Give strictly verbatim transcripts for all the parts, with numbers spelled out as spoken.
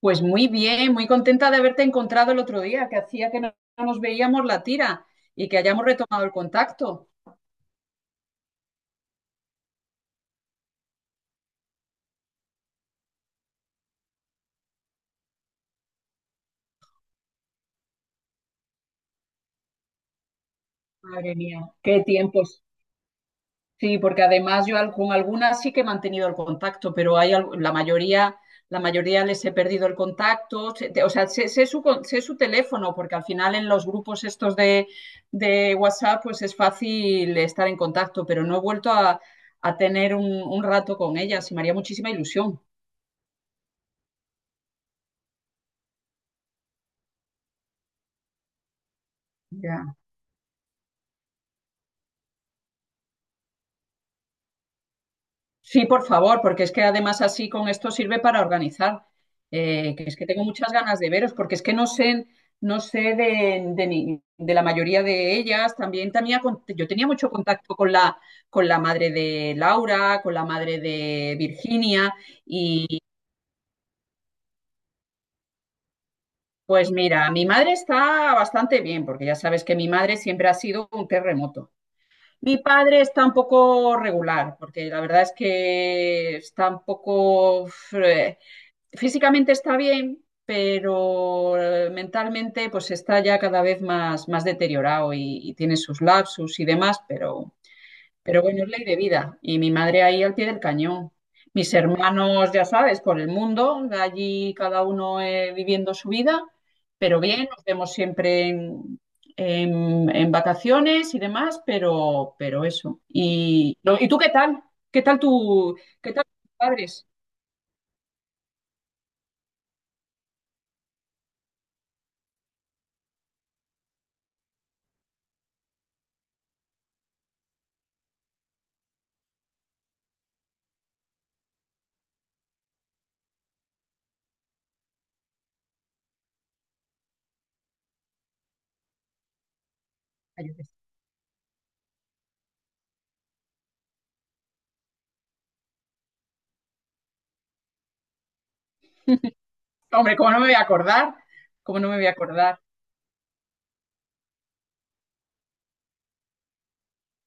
Pues muy bien, muy contenta de haberte encontrado el otro día, que hacía que no no nos veíamos la tira y que hayamos retomado el contacto. Madre mía, qué tiempos. Sí, porque además yo al- con algunas sí que he mantenido el contacto, pero hay al- la mayoría, la mayoría les he perdido el contacto. Se- te- O sea, sé, sé su, con- sé su teléfono, porque al final en los grupos estos de, de WhatsApp, pues es fácil estar en contacto, pero no he vuelto a, a tener un, un rato con ellas y me haría muchísima ilusión. Ya. Sí, por favor, porque es que además así con esto sirve para organizar. Eh, que es que tengo muchas ganas de veros, porque es que no sé, no sé de, de ni- de la mayoría de ellas. También, también con- yo tenía mucho contacto con la, con la madre de Laura, con la madre de Virginia, y pues mira, mi madre está bastante bien, porque ya sabes que mi madre siempre ha sido un terremoto. Mi padre está un poco regular, porque la verdad es que está un poco... eh, físicamente está bien, pero eh, mentalmente pues está ya cada vez más, más deteriorado y, y tiene sus lapsus y demás, pero, pero bueno, es ley de vida. Y mi madre ahí al pie del cañón. Mis hermanos, ya sabes, por el mundo, allí cada uno eh, viviendo su vida, pero bien, nos vemos siempre en, en- en vacaciones y demás, pero, pero eso. Y, no, ¿y tú qué tal? ¿Qué tal tu, qué tal tus padres? Hombre, ¿cómo no me voy a acordar? ¿Cómo no me voy a acordar?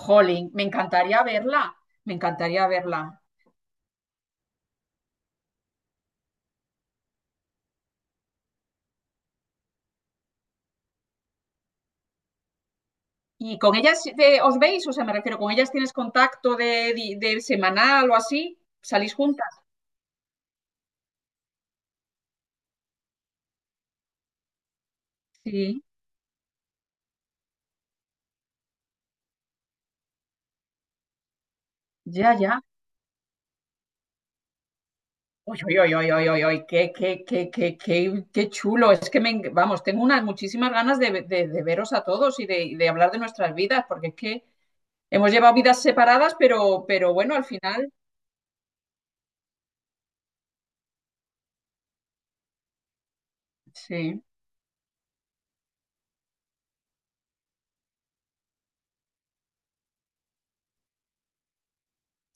Jolín, me encantaría verla, me encantaría verla. ¿Y con ellas eh, os veis? O sea, me refiero, ¿con ellas tienes contacto de, di- de semanal o así? ¿Salís juntas? Sí, ya, ya. Uy, uy, uy, uy, uy, uy, uy, qué, qué, qué, qué, qué, qué chulo. Es que me, en- vamos, tengo unas muchísimas ganas de, de- de- veros a todos y de, y de hablar de nuestras vidas, porque es que hemos llevado vidas separadas, pero, pero bueno, al final, sí.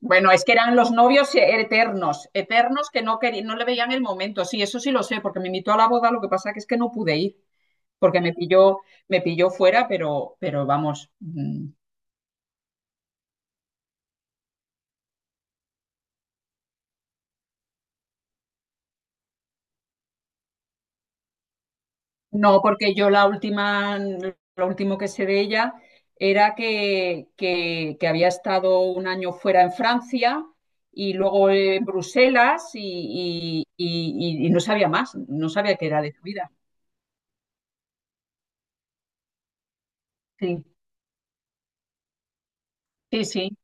Bueno, es que eran los novios eternos, eternos que no querían, no le veían el momento. Sí, eso sí lo sé, porque me invitó a la boda, lo que pasa que es que no pude ir, porque me pilló, me pilló fuera, pero, pero vamos, mm, no, porque yo la última, lo último que sé de ella era que, que, que había estado un año fuera en Francia y luego en Bruselas y, y- y- y- y no sabía más, no sabía qué era de su vida. Sí, sí, sí.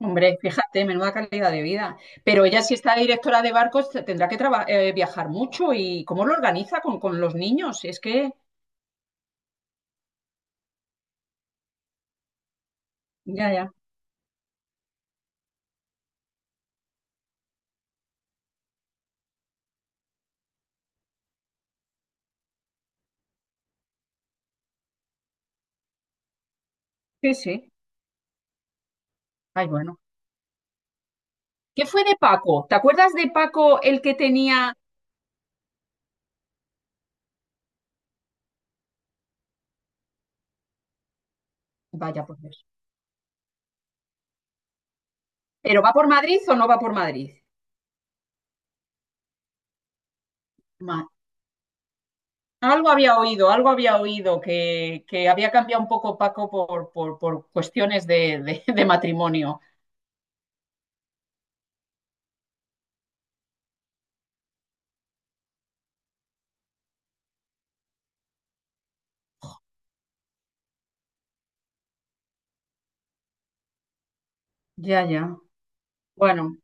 Hombre, fíjate, menuda calidad de vida. Pero ella, si está directora de barcos, te- tendrá que traba- eh, viajar mucho. ¿Y cómo lo organiza con, con los niños? Es que, ya, ya. Sí, sí. Ay, bueno. ¿Qué fue de Paco? ¿Te acuerdas de Paco el que tenía... Vaya, por Dios. ¿Pero va por Madrid o no va por Madrid? Ma- Algo había oído, algo había oído, que, que había cambiado un poco Paco por, por, por cuestiones de, de, de matrimonio. Ya, ya. Bueno.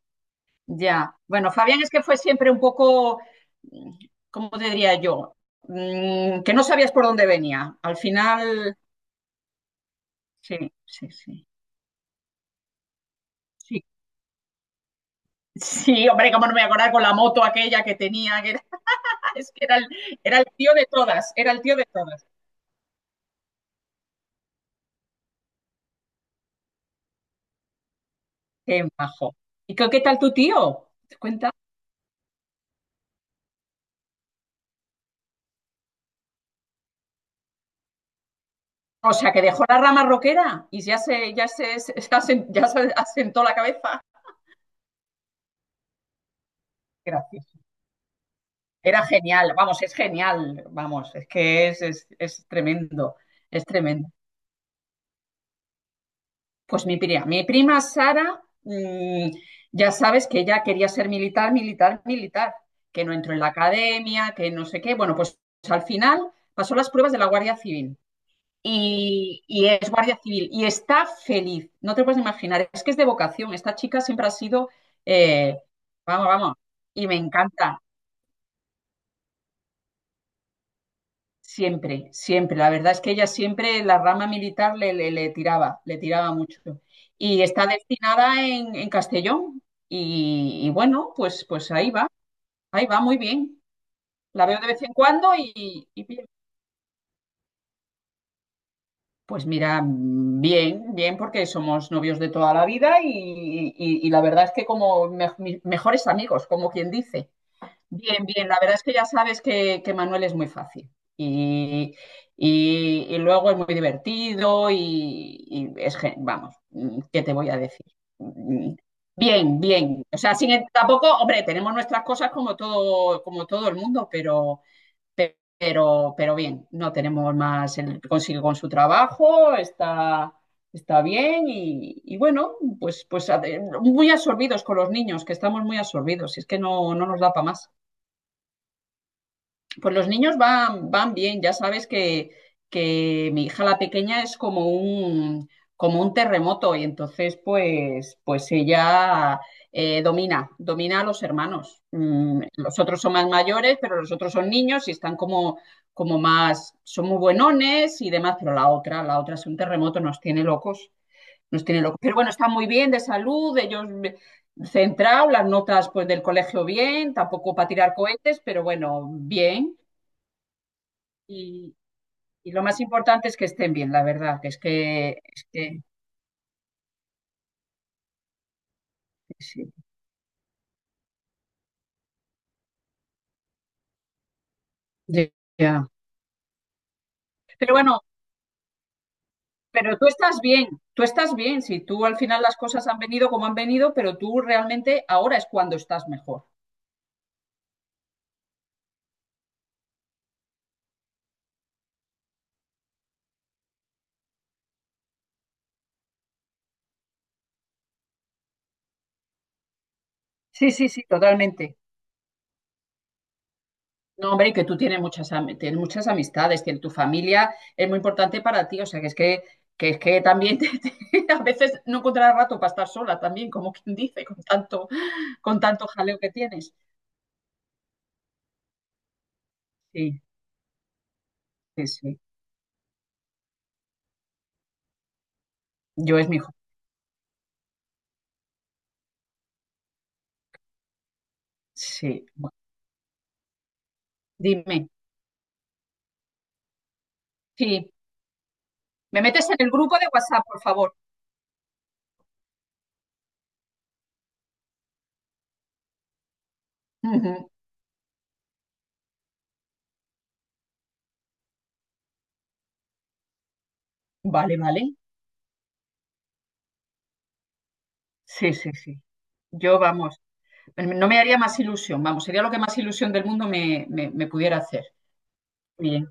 Ya, bueno, Fabián es que fue siempre un poco, mm, ¿cómo te diría yo? Mm, que no sabías por dónde venía. Al final, sí, sí, sí. Sí, sí, hombre, cómo no me voy a acordar con la moto aquella que tenía, que era, es que era el, era el tío de todas, era el tío de todas. Qué majo. ¿Y qué, qué tal tu tío? ¿Te cuenta? O sea, que dejó la rama roquera y ya se, ya se, se asen- ya se asentó la cabeza. Gracias. Era genial, vamos, es genial, vamos, es que es, es, es tremendo, es tremendo. Pues mi prima, mi prima Sara, mm, ya sabes que ella quería ser militar, militar, militar, que no entró en la academia, que no sé qué. Bueno, pues al final pasó las pruebas de la Guardia Civil y, y es Guardia Civil y está feliz, no te puedes imaginar, es que es de vocación, esta chica siempre ha sido, eh, vamos, vamos, y me encanta. Siempre, siempre. La verdad es que ella siempre, la rama militar le, le- le tiraba, le tiraba mucho. Y está destinada en, en Castellón. Y, y bueno, pues, pues ahí va, ahí va muy bien. La veo de vez en cuando y, y bien. Pues mira, bien, bien, porque somos novios de toda la vida y, y- y la verdad es que como me- mis mejores amigos, como quien dice. Bien, bien, la verdad es que ya sabes que, que Manuel es muy fácil y, y- y luego es muy divertido y, y es, gen- vamos, mm, ¿qué te voy a decir? Mm, bien, bien, o sea, sin, tampoco, hombre, tenemos nuestras cosas como todo, como todo el mundo, pero, pe- pero, pero bien, no tenemos más, él consigue con su trabajo, está, está bien y, y bueno, pues, pues a- muy absorbidos con los niños, que estamos muy absorbidos, es que no, no nos da para más. Pues los niños van, van bien, ya sabes que, que mi hija la pequeña es como un, como un terremoto y entonces pues, pues ella eh, domina, domina a los hermanos. Mm, los otros son más mayores, pero los otros son niños y están como, como más, son muy buenones y demás, pero la otra, la otra es un terremoto, nos tiene locos, nos tiene locos. Pero bueno, está muy bien de salud, ellos centrados, las notas pues del colegio bien, tampoco para tirar cohetes, pero bueno, bien y, y lo más importante es que estén bien, la verdad, que es que, es que sí. Ya. Pero bueno, pero tú estás bien, tú estás bien, si tú al final las cosas han venido como han venido, pero tú realmente ahora es cuando estás mejor. Sí, sí, sí, totalmente. No, hombre, y que tú tienes muchas, am- tienes muchas amistades, que tu familia es muy importante para ti, o sea, que es que, que, es que también te- te- a veces no encontrarás rato para estar sola también, como quien dice, con tanto, con tanto jaleo que tienes. Sí, sí, sí. Yo es mi sí. Bueno, dime. Sí. Me metes en el grupo de WhatsApp, por favor. Ujú. Vale, vale. Sí, sí, sí. Yo, vamos, no me haría más ilusión, vamos, sería lo que más ilusión del mundo me, me- me pudiera hacer. Bien.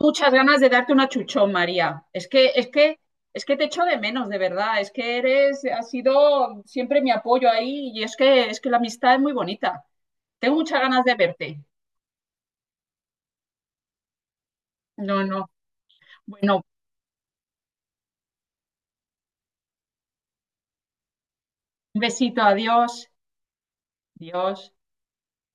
Muchas ganas de darte una chuchón, María. Es que, es que, es que te echo de menos, de verdad. Es que eres, has sido siempre mi apoyo ahí y es que, es que la amistad es muy bonita. Tengo muchas ganas de verte. No, no. Bueno, un besito, adiós. Adiós.